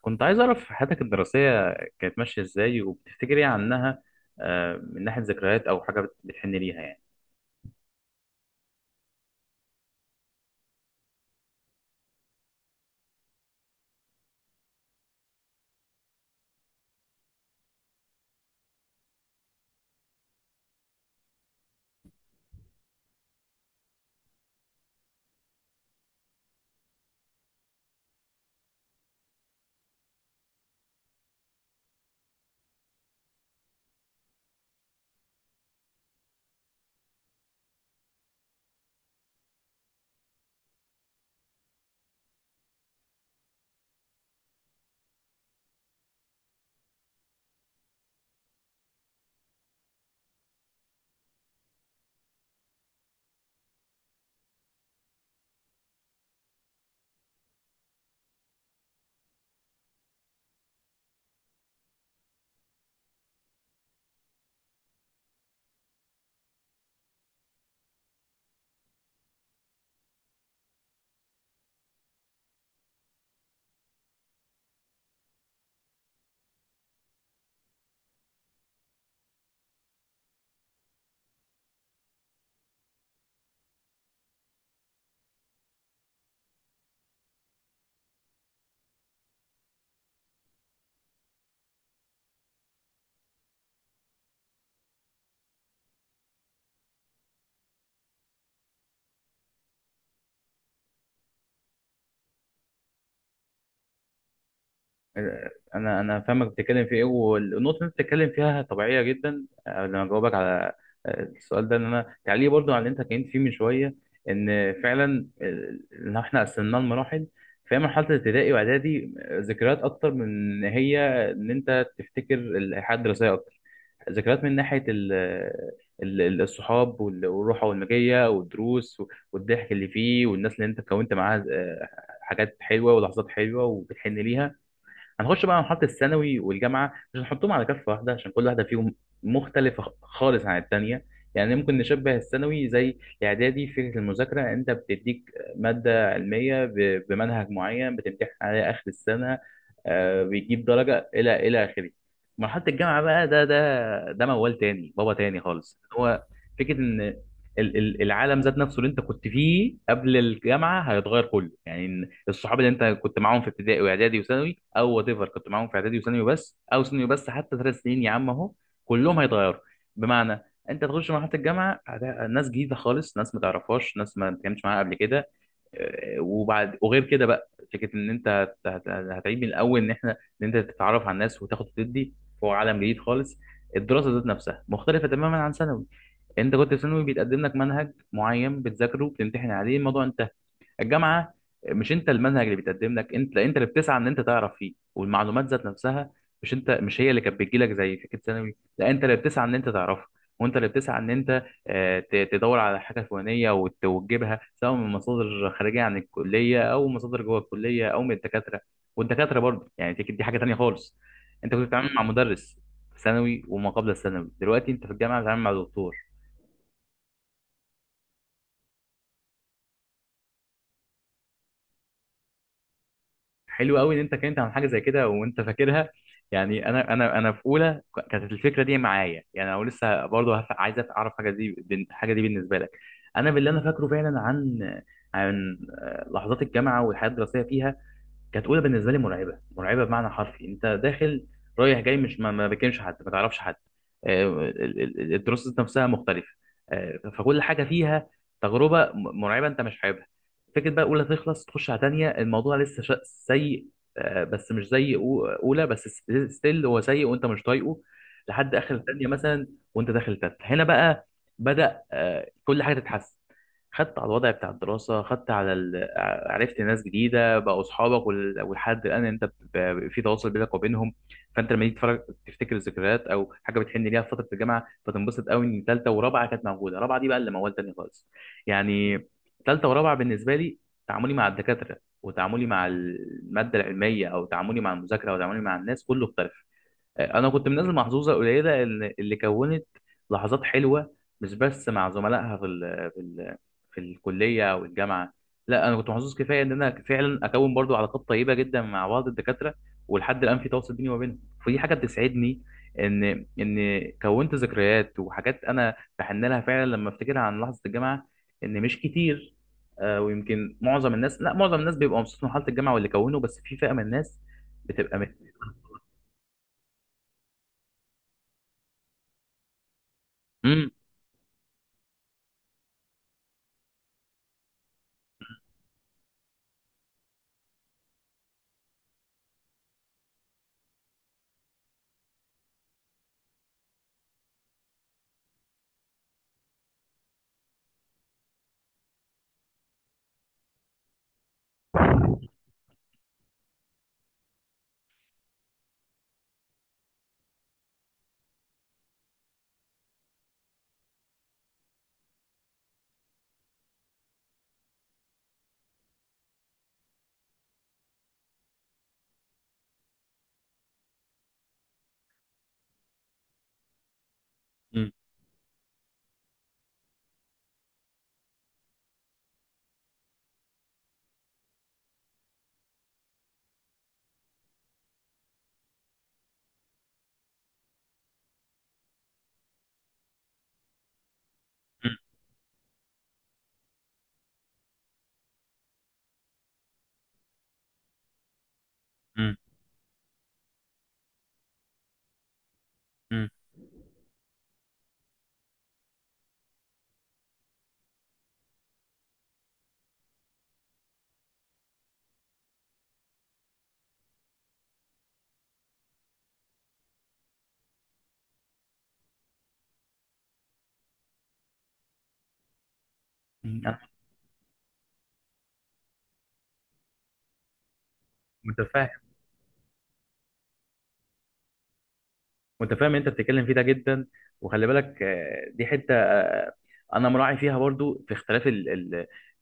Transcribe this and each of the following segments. كنت عايز أعرف حياتك الدراسية كانت ماشية إزاي وبتفتكر إيه عنها؟ من ناحية ذكريات أو حاجة بتحن ليها يعني. انا فاهمك بتتكلم في ايه، والنقطه اللي انت بتتكلم فيها طبيعيه جدا. لما اجاوبك على السؤال ده، ان انا تعليق برضو على اللي انت كنت فيه من شويه، ان فعلا، ان احنا قسمناه لمراحل. فهي مرحله الابتدائي واعدادي، ذكريات اكتر من إن هي ان انت تفتكر الحياه الدراسيه اكتر، ذكريات من ناحيه ال آه، ال- ال- الصحاب والروحه والمجيه والدروس، والضحك اللي فيه والناس اللي انت كونت معاها. حاجات حلوه ولحظات حلوه وبتحن ليها. هنخش بقى على مرحله الثانوي والجامعه، مش هنحطهم على كفه واحده عشان كل واحده فيهم مختلفه خالص عن الثانيه. يعني ممكن نشبه الثانوي زي الاعدادي في فكره المذاكره. انت بتديك ماده علميه بمنهج معين، بتمتحن عليها اخر السنه، بيجيب درجه الى اخره. مرحله الجامعه بقى ده موال تاني، بابا تاني خالص هو. فكره ان العالم ذات نفسه اللي انت كنت فيه قبل الجامعه هيتغير كله. يعني إن الصحاب اللي انت كنت معاهم في ابتدائي واعدادي وثانوي، او وات ايفر كنت معاهم في اعدادي وثانوي بس، او ثانوي بس، حتى 3 سنين يا عم اهو، كلهم هيتغيروا. بمعنى انت تخش مرحله الجامعه، ناس جديده خالص، ناس ما تعرفهاش، ناس ما اتكلمتش معاها قبل كده. وبعد وغير كده بقى فكره ان انت هتعيد من الاول، ان احنا ان انت تتعرف على الناس وتاخد وتدي. فوق عالم جديد خالص. الدراسه ذات نفسها مختلفه تماما عن ثانوي. انت كنت في ثانوي بيتقدم لك منهج معين بتذاكره، بتمتحن عليه، الموضوع انتهى. الجامعه، مش انت المنهج اللي بيتقدم لك، انت اللي بتسعى ان انت تعرف فيه. والمعلومات ذات نفسها، مش هي اللي كانت بتجي لك زي فكره ثانوي، لا انت اللي بتسعى ان انت تعرفها. وانت اللي بتسعى ان انت تدور على حاجه فلانيه وتجيبها، سواء من مصادر خارجيه عن الكليه، او مصادر جوه الكليه، او من الدكاتره. والدكاتره برضه يعني دي حاجه تانيه خالص. انت كنت بتتعامل مع مدرس في ثانوي وما قبل الثانوي، دلوقتي انت في الجامعه بتتعامل مع دكتور. حلو قوي ان انت كنت عن حاجه زي كده وانت فاكرها. يعني انا في اولى كانت الفكره دي معايا. يعني انا لسه برضه اعرف حاجه دي بالنسبه لك. انا باللي انا فاكره فعلا عن لحظات الجامعه والحياه الدراسيه فيها. كانت اولى بالنسبه لي مرعبه، مرعبه بمعنى حرفي. انت داخل رايح جاي، مش ما ما بتكلمش حد، ما تعرفش حد. الدروس نفسها مختلفه. فكل حاجه فيها تجربه مرعبه انت مش حاببها. فكره بقى اولى تخلص تخش على تانية، الموضوع لسه سيء. بس مش زي اولى، بس ستيل هو سيء وانت مش طايقه لحد اخر تانية مثلا. وانت داخل تالتة هنا بقى بدأ كل حاجه تتحسن. خدت على الوضع بتاع الدراسة، خدت على ال... ع- عرفت ناس جديدة بقوا أصحابك ولحد الآن أنت في تواصل بينك وبينهم. فأنت لما تيجي تتفرج تفتكر الذكريات أو حاجة بتحن ليها في فترة الجامعة، فتنبسط قوي إن تالتة ورابعة كانت موجودة. رابعة دي بقى اللي موال تاني خالص يعني. تالتة ورابعة بالنسبة لي، تعاملي مع الدكاترة وتعاملي مع المادة العلمية أو تعاملي مع المذاكرة أو تعاملي مع الناس، كله اختلف. انا كنت من الناس المحظوظه القليله اللي كونت لحظات حلوه، مش بس مع زملائها في ال في الكليه او الجامعه. لا، انا كنت محظوظ كفايه ان انا فعلا اكون برضو علاقات طيبه جدا مع بعض الدكاتره. ولحد الان في تواصل بيني وبينهم، فدي حاجه بتسعدني، ان كونت ذكريات وحاجات انا بحن لها فعلا لما افتكرها عن لحظه الجامعه. ان مش كتير. ويمكن معظم الناس، لا، معظم الناس بيبقى مبسوط من حاله الجامعه واللي كونه، بس في فئه من الناس بتبقى. مم. مم. مم. مم. مم. أنا متفاهم. متفاهم انت بتتكلم فيه ده جدا. وخلي بالك، دي حته انا مراعي فيها برضو في اختلاف ال ال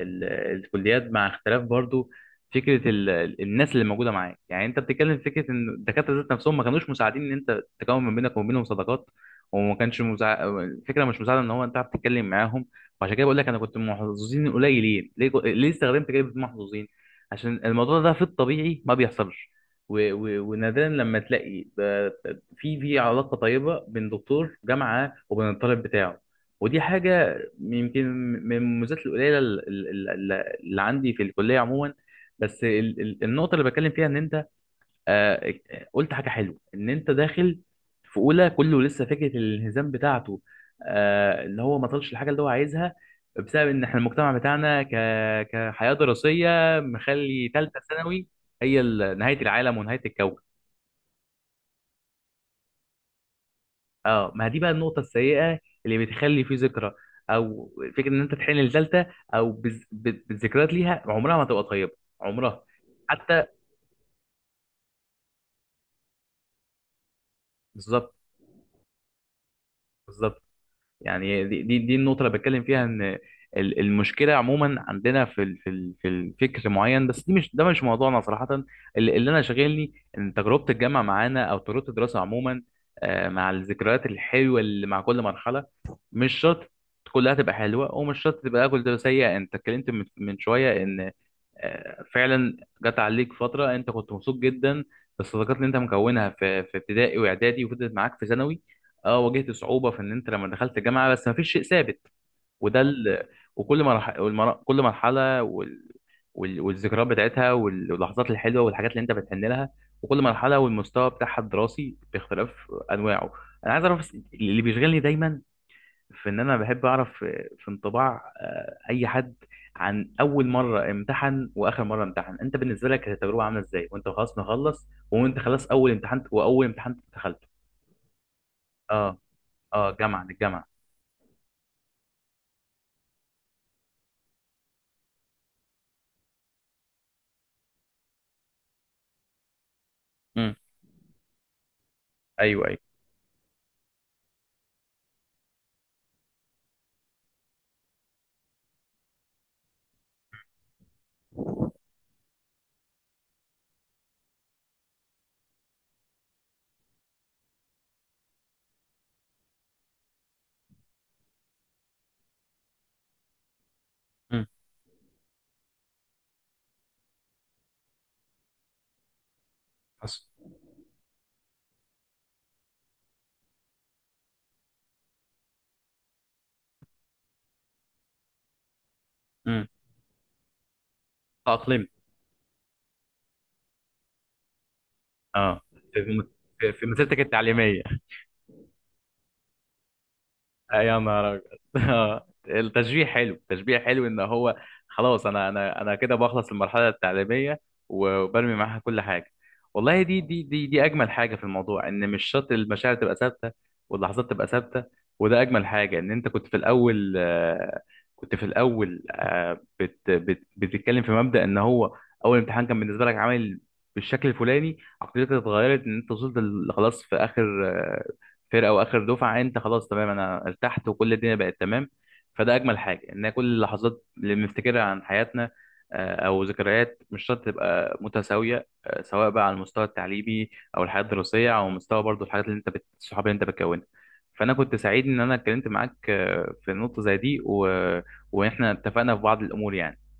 ال الكليات، مع اختلاف برضو فكره الناس اللي موجوده معاك. يعني انت بتتكلم في فكره ان الدكاتره ذات نفسهم ما كانوش مساعدين ان انت تكون ما بينك وما بينهم صداقات، الفكره مش مساعده ان هو انت عارف تتكلم معاهم. وعشان كده بقول لك انا كنت من محظوظين قليلين. ليه استخدمت كلمه محظوظين؟ عشان الموضوع ده في الطبيعي ما بيحصلش، ونادرا لما تلاقي في علاقه طيبه بين دكتور جامعه وبين الطالب بتاعه. ودي حاجة يمكن من المميزات القليله اللي عندي في الكليه عموما. بس النقطه اللي بتكلم فيها ان انت آه، قلت حاجه حلوه، ان انت داخل في اولى كله لسه فكره الانهزام بتاعته، اللي هو ما طلش الحاجه اللي هو عايزها، بسبب ان احنا المجتمع بتاعنا كحياه دراسيه مخلي ثالثه ثانوي هي نهايه العالم ونهايه الكون. اه، ما دي بقى النقطة السيئة اللي بتخلي فيه ذكرى او فكرة ان انت تحن لثالثة، او بالذكريات ليها عمرها ما تبقى طيبة. عمرها. حتى. بالظبط. بالظبط. يعني دي النقطه اللي بتكلم فيها ان المشكله عموما عندنا في في الفكر معين، بس دي مش ده مش موضوعنا صراحه. اللي انا شاغلني ان تجربه الجامعه معانا او تجربه الدراسه عموما، مع الذكريات الحلوه اللي مع كل مرحله. مش شرط كلها تبقى حلوه ومش شرط تبقى كلها سيئه. انت اتكلمت من شويه ان فعلا جت عليك فتره انت كنت مبسوط جدا بالصداقات اللي انت مكونها في ابتدائي واعدادي وفضلت معاك في ثانوي. اه، واجهت صعوبه في ان انت لما دخلت الجامعه، بس ما فيش شيء ثابت. وده ال... وكل مرحله والمر... كل مرحله والذكريات بتاعتها واللحظات الحلوه والحاجات اللي انت بتحن لها. وكل مرحله والمستوى بتاعها الدراسي باختلاف انواعه. انا عايز اعرف، بس اللي بيشغلني دايما في ان انا بحب اعرف في انطباع اي حد عن اول مره امتحن واخر مره امتحن. انت بالنسبه لك التجربه عامله ازاي وانت خلاص مخلص، وانت خلاص اول امتحان واول امتحان دخلته؟ اه. اه، جامعه للجامعه. امم. ايوه. ايوه. امم. حصل. امم. تاقلمت. اه، في مسيرتك التعليميه. يا نهار أبيض. التشبيه حلو، التشبيه حلو ان هو خلاص انا كده بخلص المرحله التعليميه وبرمي معاها كل حاجه. والله دي اجمل حاجه في الموضوع، ان مش شرط المشاعر تبقى ثابته واللحظات تبقى ثابته. وده اجمل حاجه ان انت كنت في الاول آه، بت بت بتتكلم في مبدا ان هو اول امتحان كان بالنسبه لك عامل بالشكل الفلاني، عقليتك اتغيرت ان انت وصلت خلاص في اخر آه، فرقه واخر دفعه. انت خلاص تمام، انا ارتحت وكل الدنيا بقت تمام. فده اجمل حاجه، ان كل اللحظات اللي بنفتكرها عن حياتنا او ذكريات مش شرط تبقى متساويه، سواء بقى على المستوى التعليمي او الحياه الدراسيه، او مستوى برضو الحاجات اللي انت الصحاب اللي انت بتكونها. فانا كنت سعيد ان انا اتكلمت معاك في نقطه زي دي، واحنا اتفقنا في بعض الامور يعني.